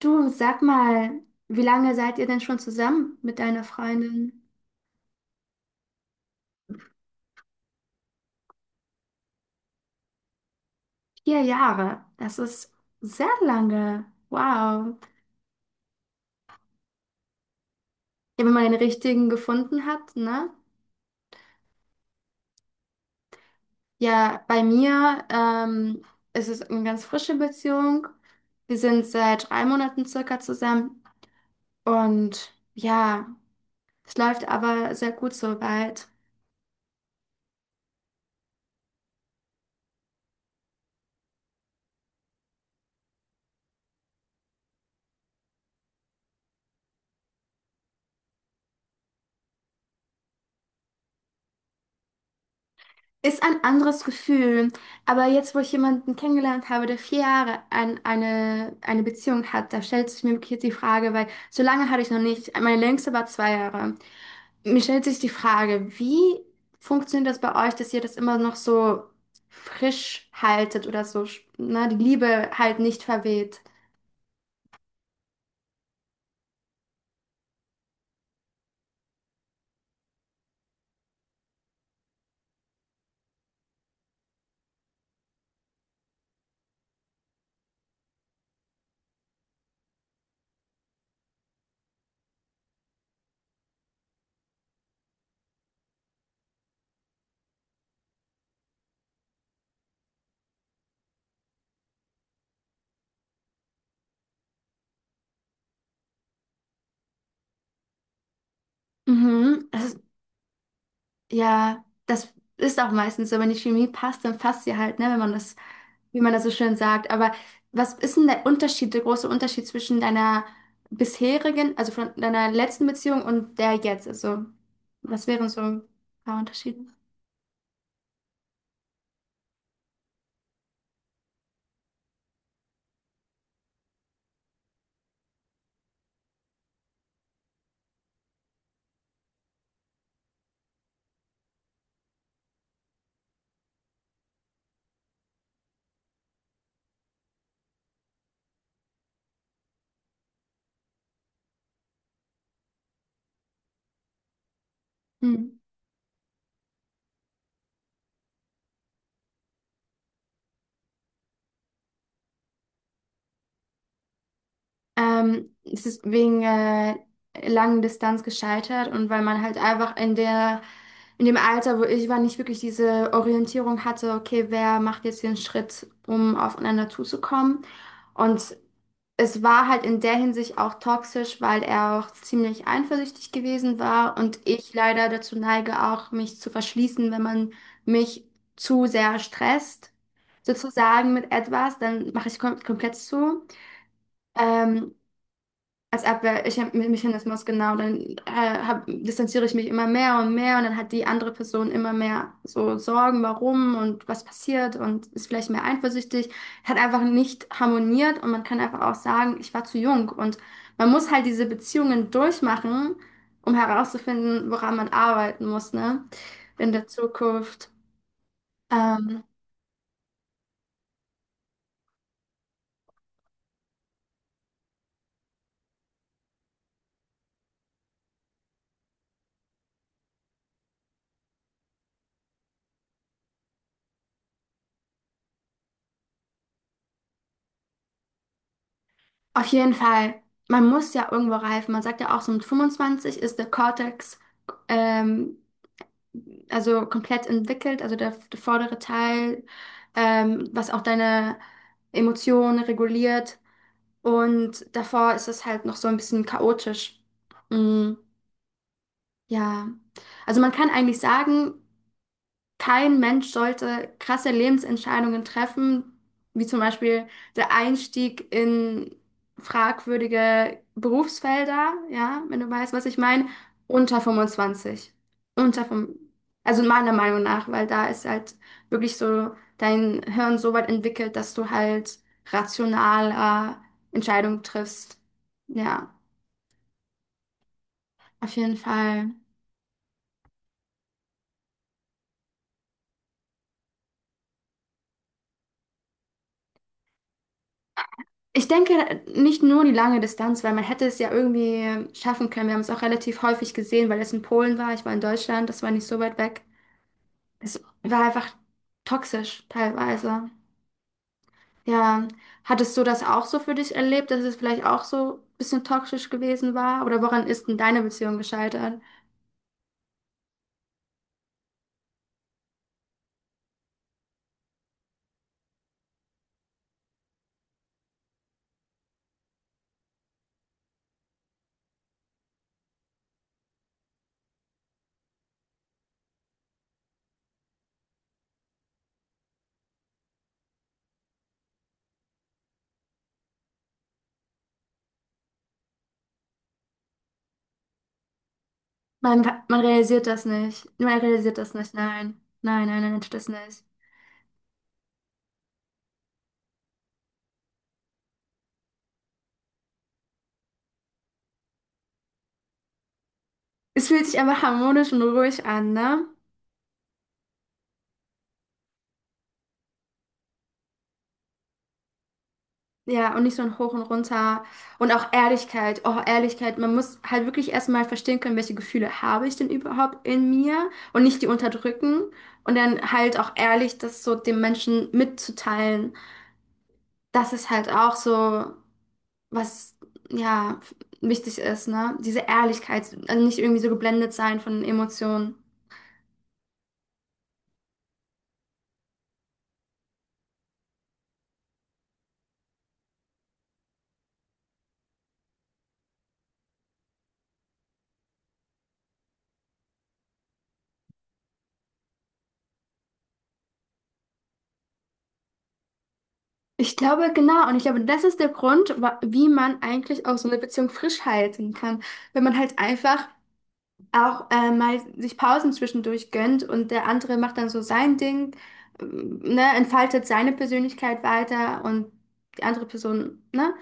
Du, sag mal, wie lange seid ihr denn schon zusammen mit deiner Freundin? Vier Jahre. Das ist sehr lange. Wow. Ja, wenn man den richtigen gefunden hat, ne? Ja, bei mir ist es eine ganz frische Beziehung. Wir sind seit drei Monaten circa zusammen und ja, es läuft aber sehr gut soweit. Ist ein anderes Gefühl, aber jetzt, wo ich jemanden kennengelernt habe, der vier Jahre an eine Beziehung hat, da stellt sich mir wirklich jetzt die Frage, weil so lange hatte ich noch nicht, meine längste war zwei Jahre. Mir stellt sich die Frage, wie funktioniert das bei euch, dass ihr das immer noch so frisch haltet oder so, na die Liebe halt nicht verweht? Mhm. Ja, das ist auch meistens so, wenn die Chemie passt, dann passt sie halt, ne, wenn man das, wie man das so schön sagt. Aber was ist denn der Unterschied, der große Unterschied zwischen deiner bisherigen, also von deiner letzten Beziehung und der jetzt? Also, was wären so ein paar Unterschiede? Hm. Es ist wegen langen Distanz gescheitert und weil man halt einfach in der, in dem Alter, wo ich war, nicht wirklich diese Orientierung hatte, okay, wer macht jetzt den Schritt, um aufeinander zuzukommen. Und es war halt in der Hinsicht auch toxisch, weil er auch ziemlich eifersüchtig gewesen war und ich leider dazu neige, auch mich zu verschließen, wenn man mich zu sehr stresst, sozusagen mit etwas, dann mache ich komplett zu. Ähm, Als Abwehrmechanismus, genau. Dann distanziere ich mich immer mehr und mehr und dann hat die andere Person immer mehr so Sorgen, warum und was passiert und ist vielleicht mehr eifersüchtig. Hat einfach nicht harmoniert und man kann einfach auch sagen, ich war zu jung und man muss halt diese Beziehungen durchmachen, um herauszufinden, woran man arbeiten muss, ne? In der Zukunft. Ähm, auf jeden Fall, man muss ja irgendwo reifen. Man sagt ja auch, so mit 25 ist der Cortex ähm, also komplett entwickelt, also der vordere Teil, was auch deine Emotionen reguliert. Und davor ist es halt noch so ein bisschen chaotisch. Mm, ja, also man kann eigentlich sagen, kein Mensch sollte krasse Lebensentscheidungen treffen, wie zum Beispiel der Einstieg in fragwürdige Berufsfelder, ja, wenn du weißt, was ich meine, unter 25, Unter vom, also meiner Meinung nach, weil da ist halt wirklich so dein Hirn so weit entwickelt, dass du halt rational Entscheidungen triffst. Ja, auf jeden Fall. Ich denke nicht nur die lange Distanz, weil man hätte es ja irgendwie schaffen können. Wir haben es auch relativ häufig gesehen, weil es in Polen war. Ich war in Deutschland, das war nicht so weit weg. Es war einfach toxisch teilweise. Ja, hattest du das auch so für dich erlebt, dass es vielleicht auch so ein bisschen toxisch gewesen war? Oder woran ist denn deine Beziehung gescheitert? Man, Man realisiert das nicht. Man realisiert das nicht. Nein, nein, nein, nein, tut das nicht. Es fühlt sich einfach harmonisch und ruhig an, ne? Ja, und nicht so ein Hoch und Runter. Und auch Ehrlichkeit. Oh, Ehrlichkeit. Man muss halt wirklich erstmal verstehen können, welche Gefühle habe ich denn überhaupt in mir und nicht die unterdrücken. Und dann halt auch ehrlich, das so dem Menschen mitzuteilen. Das ist halt auch so, was, ja, wichtig ist, ne? Diese Ehrlichkeit. Also nicht irgendwie so geblendet sein von Emotionen. Ich glaube, genau. Und ich glaube, das ist der Grund, wie man eigentlich auch so eine Beziehung frisch halten kann. Wenn man halt einfach auch mal sich Pausen zwischendurch gönnt und der andere macht dann so sein Ding, ne, entfaltet seine Persönlichkeit weiter und die andere Person, ne,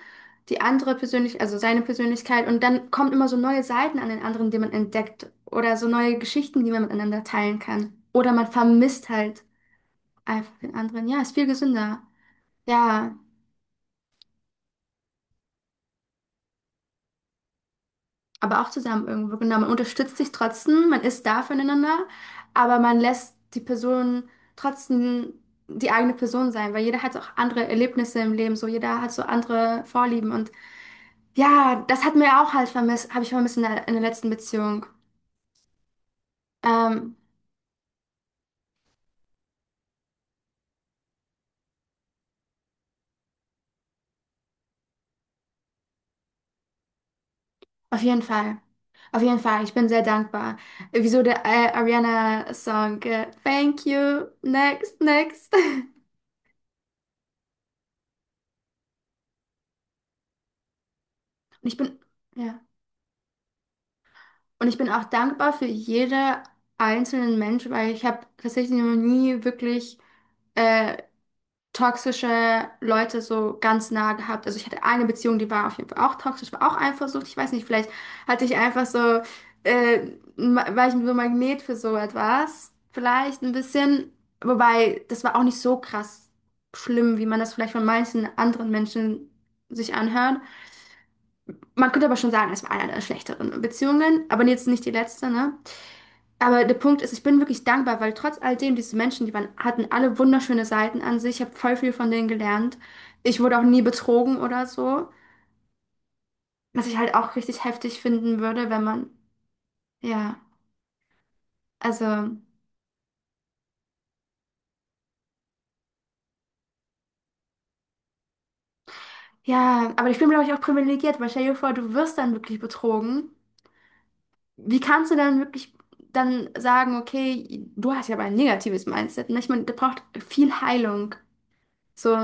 also seine Persönlichkeit und dann kommen immer so neue Seiten an den anderen, die man entdeckt oder so neue Geschichten, die man miteinander teilen kann. Oder man vermisst halt einfach den anderen. Ja, ist viel gesünder. Ja, aber auch zusammen irgendwo. Genau, man unterstützt sich trotzdem, man ist da füreinander, aber man lässt die Person trotzdem die eigene Person sein, weil jeder hat auch andere Erlebnisse im Leben, so jeder hat so andere Vorlieben und ja, das hat mir auch halt vermisst, habe ich vermisst in der letzten Beziehung. Ähm, auf jeden Fall. Auf jeden Fall, ich bin sehr dankbar. Wieso der Ariana-Song? Thank you, next, next. Und ich bin, ja. Und ich bin auch dankbar für jede einzelnen Mensch, weil ich habe tatsächlich noch nie wirklich äh, toxische Leute so ganz nah gehabt. Also ich hatte eine Beziehung, die war auf jeden Fall auch toxisch, war auch Eifersucht. Ich weiß nicht, vielleicht hatte ich einfach so, äh, war ich so Magnet für so etwas. Vielleicht ein bisschen. Wobei, das war auch nicht so krass schlimm, wie man das vielleicht von manchen anderen Menschen sich anhört. Man könnte aber schon sagen, es war eine der schlechteren Beziehungen, aber jetzt nicht die letzte, ne? Aber der Punkt ist, ich bin wirklich dankbar, weil trotz all dem, diese Menschen, die waren, hatten alle wunderschöne Seiten an sich. Ich habe voll viel von denen gelernt. Ich wurde auch nie betrogen oder so. Was ich halt auch richtig heftig finden würde, wenn man, ja, also, ja, aber ich bin, glaube ich, auch privilegiert, weil stell dir vor, du wirst dann wirklich betrogen. Wie kannst du dann wirklich dann sagen, okay, du hast ja aber ein negatives Mindset, ne? Ich meine, da braucht viel Heilung. So,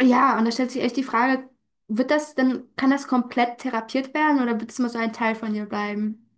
ja, und da stellt sich echt die Frage, wird das denn, kann das komplett therapiert werden oder wird es immer so ein Teil von dir bleiben?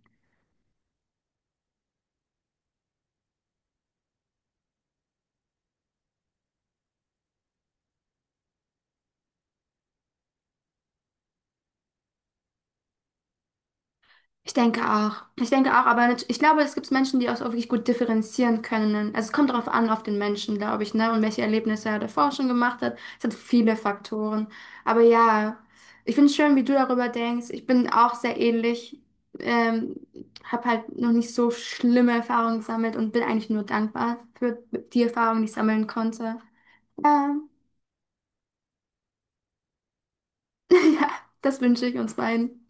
Ich denke auch. Ich denke auch, aber ich glaube, es gibt Menschen, die auch so wirklich gut differenzieren können. Also es kommt darauf an, auf den Menschen, glaube ich, ne? Und welche Erlebnisse er davor schon gemacht hat. Es hat viele Faktoren. Aber ja, ich finde es schön, wie du darüber denkst. Ich bin auch sehr ähnlich. Ähm, Habe halt noch nicht so schlimme Erfahrungen gesammelt und bin eigentlich nur dankbar für die Erfahrungen, die ich sammeln konnte. Ja. Ja, das wünsche ich uns beiden.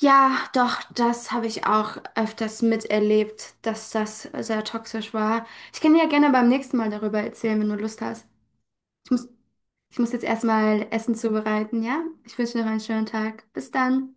Ja, doch, das habe ich auch öfters miterlebt, dass das sehr toxisch war. Ich kann dir ja gerne beim nächsten Mal darüber erzählen, wenn du Lust hast. Ich muss, ich muss jetzt erstmal Essen zubereiten, ja? Ich wünsche dir noch einen schönen Tag. Bis dann.